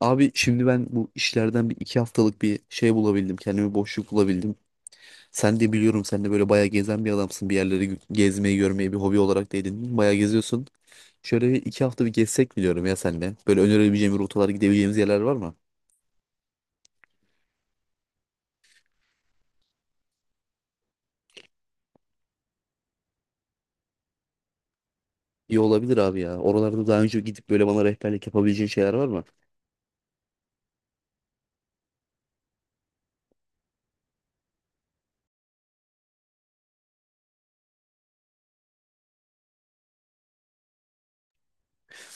Abi şimdi ben bu işlerden bir iki haftalık bir şey bulabildim. Kendime boşluk bulabildim. Sen de böyle bayağı gezen bir adamsın. Gezmeyi görmeyi bir hobi olarak da edindin. Bayağı geziyorsun. Şöyle bir iki hafta bir gezsek mi diyorum ya senle. Böyle önerebileceğim rotalar, gidebileceğimiz yerler var mı? İyi olabilir abi ya. Oralarda daha önce gidip böyle bana rehberlik yapabileceğin şeyler var mı?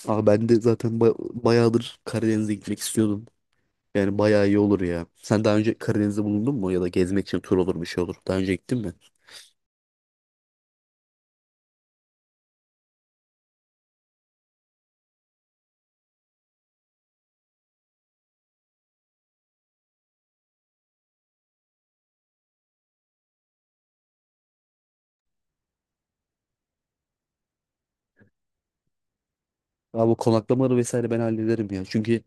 Aa ben de zaten ba- Bayağıdır Karadeniz'e gitmek istiyordum. Yani bayağı iyi olur ya. Sen daha önce Karadeniz'de bulundun mu? Ya da gezmek için tur olur bir şey olur. Daha önce gittin mi? Abi bu konaklamaları vesaire ben hallederim ya. Çünkü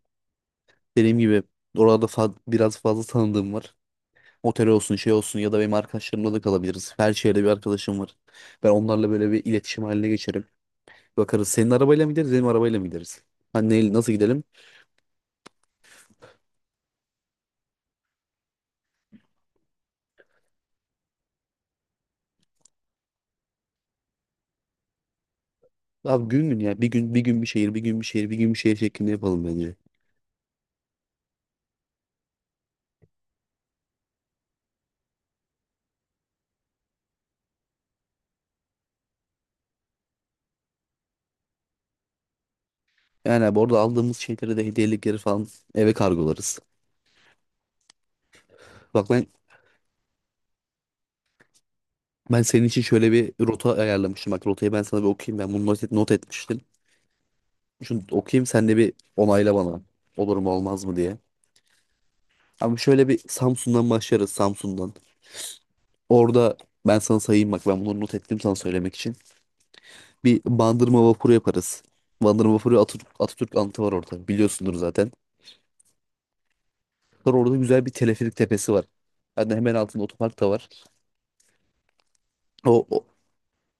dediğim gibi biraz fazla tanıdığım var. Otel olsun şey olsun, ya da benim arkadaşlarımla da kalabiliriz. Her şehirde bir arkadaşım var. Ben onlarla böyle bir iletişim haline geçerim. Bakarız, senin arabayla mı gideriz benim arabayla mı gideriz? Nasıl gidelim? Abi gün gün ya, bir gün bir gün, bir şehir bir gün, bir şehir bir gün, bir şehir şeklinde yapalım bence. Yani abi orada aldığımız şeyleri de, hediyelikleri falan eve kargolarız. Bak, ben senin için şöyle bir rota ayarlamıştım. Bak, rotayı ben sana bir okuyayım. Ben bunu not etmiştim. Şunu okuyayım, sen de bir onayla bana. Olur mu olmaz mı diye. Abi şöyle bir Samsun'dan başlarız, Samsun'dan. Orada ben sana sayayım, bak ben bunları not ettim sana söylemek için. Bir Bandırma vapuru yaparız. Bandırma vapuru, Atatürk anıtı var orada, biliyorsundur zaten. Sonra orada güzel bir teleferik tepesi var. Yani hemen altında otopark da var. O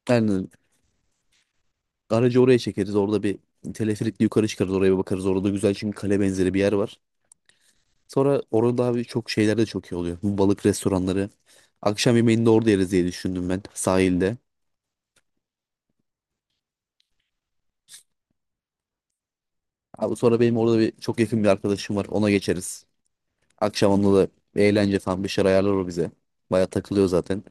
yani aracı oraya çekeriz, orada bir teleferikle yukarı çıkarız, oraya bir bakarız. Orada güzel, çünkü kale benzeri bir yer var. Sonra orada abi çok şeyler de çok iyi oluyor. Bu balık restoranları. Akşam yemeğini de orada yeriz diye düşündüm ben, sahilde. Abi sonra benim orada bir çok yakın bir arkadaşım var. Ona geçeriz. Akşam onunla da bir eğlence falan, bir şeyler ayarlar o bize. Baya takılıyor zaten.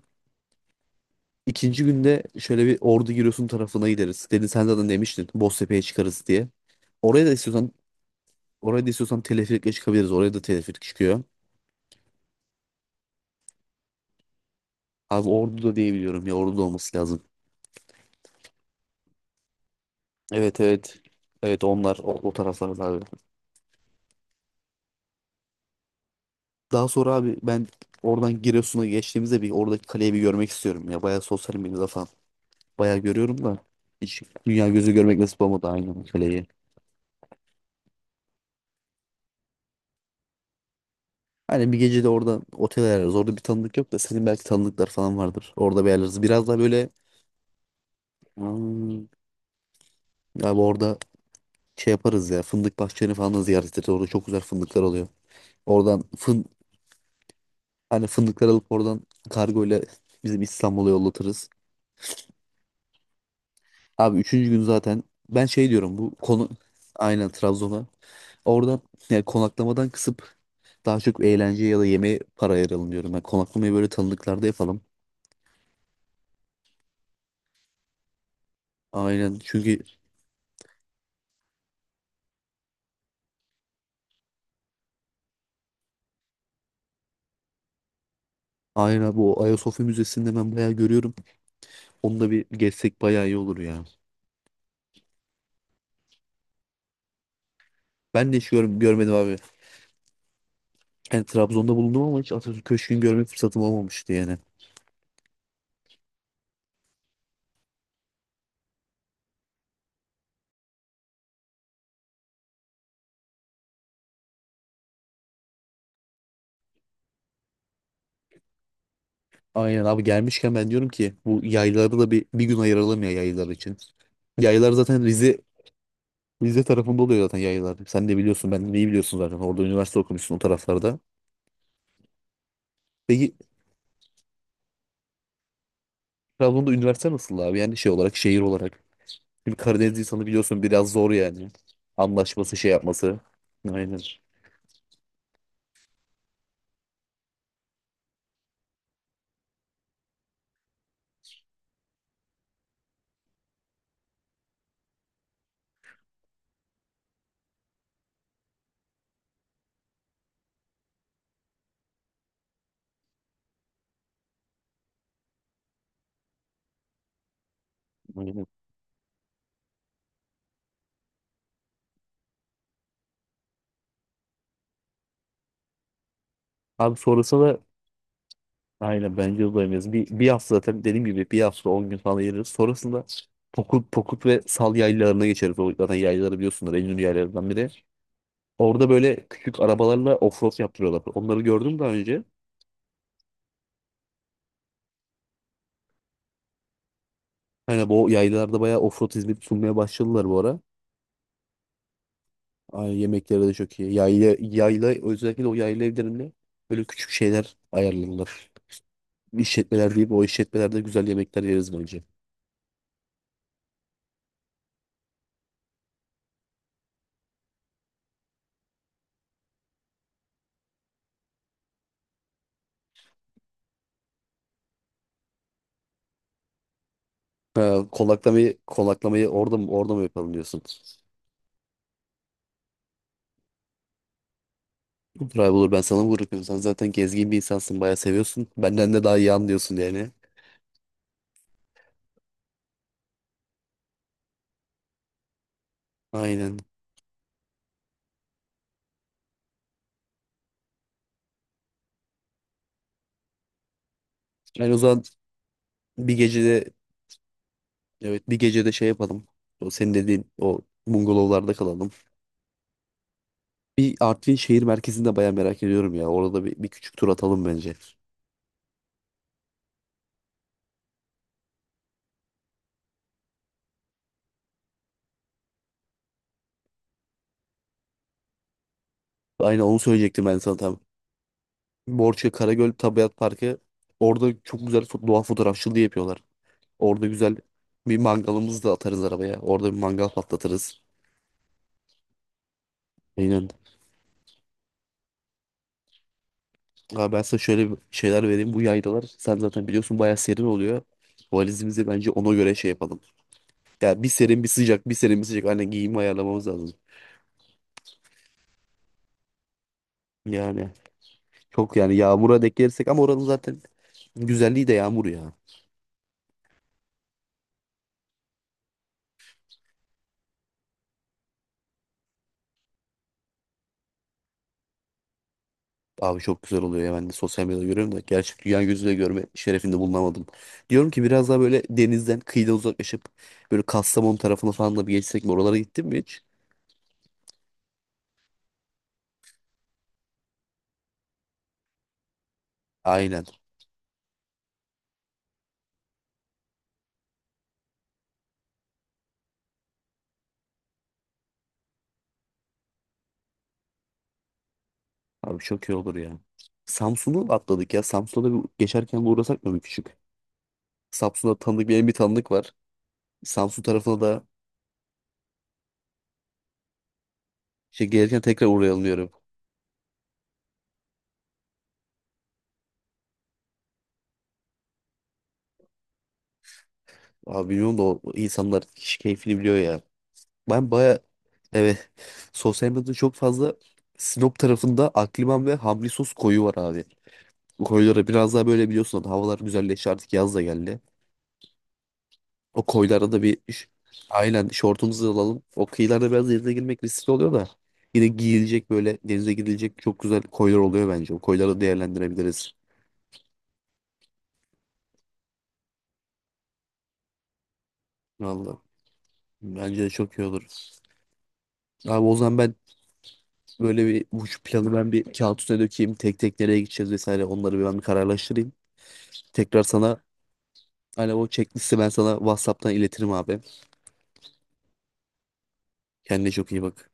İkinci günde şöyle bir Ordu Giresun tarafına gideriz. Dedin sen, zaten demiştin Boztepe'ye çıkarız diye. Oraya da istiyorsan Oraya da istiyorsan teleferikle çıkabiliriz. Oraya da teleferik çıkıyor. Abi Ordu'da diye biliyorum ya, Ordu'da olması lazım. Evet, evet. Evet, onlar o taraflarda abi. Daha sonra abi ben oradan Giresun'a geçtiğimizde bir oradaki kaleyi bir görmek istiyorum ya. Bayağı sosyal medyada falan bayağı görüyorum da, hiç dünya gözü görmek nasip olmadı aynı kaleyi. Hani bir gece de orada otel ayarlarız. Orada bir tanıdık yok da senin belki tanıdıklar falan vardır. Orada bir ayarlarız. Biraz daha böyle hmm, abi orada şey yaparız ya. Fındık bahçelerini falan da ziyaret ederiz. Orada çok güzel fındıklar oluyor. Oradan fın Hani fındıklar alıp oradan kargo ile bizim İstanbul'a yollatırız. Abi üçüncü gün zaten ben şey diyorum bu konu, aynen Trabzon'a. Oradan yani konaklamadan kısıp daha çok eğlence ya da yemeğe para ayıralım diyorum. Yani konaklamayı böyle tanıdıklarda yapalım. Aynen çünkü aynen, bu Ayasofya Müzesi'nde ben bayağı görüyorum. Onu da bir gezsek bayağı iyi olur ya. Ben de hiç gör görmedim abi. Yani Trabzon'da bulundum ama hiç Atatürk Köşkü'nü görme fırsatım olmamıştı yani. Aynen abi, gelmişken ben diyorum ki bu yayları da bir gün ayıralım ya, yaylar için. Yaylar zaten Rize Rize tarafında oluyor zaten yaylar. Sen de biliyorsun, ben de iyi biliyorsun zaten. Orada üniversite okumuşsun, o taraflarda. Peki Trabzon'da üniversite nasıl abi? Yani şey olarak, şehir olarak. Şimdi Karadeniz insanı biliyorsun, biraz zor yani. Anlaşması, şey yapması. Aynen. Aynen. Abi sonrasında aynen, bence uzayamayız. Bir hafta zaten dediğim gibi, bir hafta 10 gün falan yeriz. Sonrasında Pokut ve Sal yaylalarına geçeriz. O zaten yaylaları biliyorsunuz. En ünlü yaylalarından biri. Orada böyle küçük arabalarla offroad yaptırıyorlar. Onları gördüm daha önce. Hani bu yaylalarda bayağı offroad hizmeti sunmaya başladılar bu ara. Ay, yemekleri de çok iyi. Yayla, özellikle o yayla evlerinde böyle küçük şeyler ayarlanırlar. İşletmeler değil, o işletmelerde güzel yemekler yeriz bence. Ha, konaklamayı orada mı yapalım diyorsun? Olur abi, olur, ben sana bırakıyorum. Sen zaten gezgin bir insansın, bayağı seviyorsun. Benden de daha iyi anlıyorsun yani. Aynen. Yani o zaman bir gecede, evet, bir gecede şey yapalım. O senin dediğin o bungalovlarda kalalım. Bir Artvin şehir merkezinde baya merak ediyorum ya. Orada bir küçük tur atalım bence. Aynen, onu söyleyecektim ben sana tam. Borçka Karagöl Tabiat Parkı. Orada çok güzel doğa fotoğrafçılığı yapıyorlar. Orada güzel bir mangalımızı da atarız arabaya. Orada bir mangal patlatırız. Aynen. Abi ben sana şöyle bir şeyler vereyim. Bu yaylalar, sen zaten biliyorsun, bayağı serin oluyor. Valizimizi bence ona göre şey yapalım. Ya bir serin bir sıcak, bir serin bir sıcak. Aynen giyimi ayarlamamız lazım. Yani çok, yani yağmura denk gelirsek, ama oranın zaten güzelliği de yağmur ya. Abi çok güzel oluyor ya, ben de sosyal medyada görüyorum da gerçek dünya gözüyle görme şerefinde bulunamadım. Diyorum ki biraz daha böyle denizden kıyıdan uzaklaşıp böyle Kastamonu tarafına falan da bir geçsek mi? Oralara gittin mi hiç? Aynen. Abi çok iyi olur ya. Samsun'u atladık ya. Samsun'a da bir geçerken bir uğrasak mı bir küçük? Samsun'da tanıdık, benim bir tanıdık var. Samsun tarafına da şey, gelirken tekrar uğrayalım diyorum. Abi bilmiyorum da, o insanlar kişi keyfini biliyor ya. Ben baya, evet, sosyal medyada çok fazla Sinop tarafında Akliman ve Hamri Sos koyu var abi. Bu koylara biraz daha böyle, biliyorsun havalar güzelleşti, artık yaz da geldi. O koylara da bir ş- Aynen şortumuzu alalım. O kıyılarda biraz denize girmek riskli oluyor da, yine giyilecek böyle, denize gidilecek çok güzel koylar oluyor bence. O koyları değerlendirebiliriz. Vallahi bence de çok iyi olur. Abi o zaman ben böyle bir bu şu planı ben bir kağıt üstüne dökeyim. Tek tek nereye gideceğiz vesaire, onları bir ben bir kararlaştırayım. Tekrar sana, alo, o checklist'i ben sana WhatsApp'tan iletirim abi. Kendine çok iyi bak.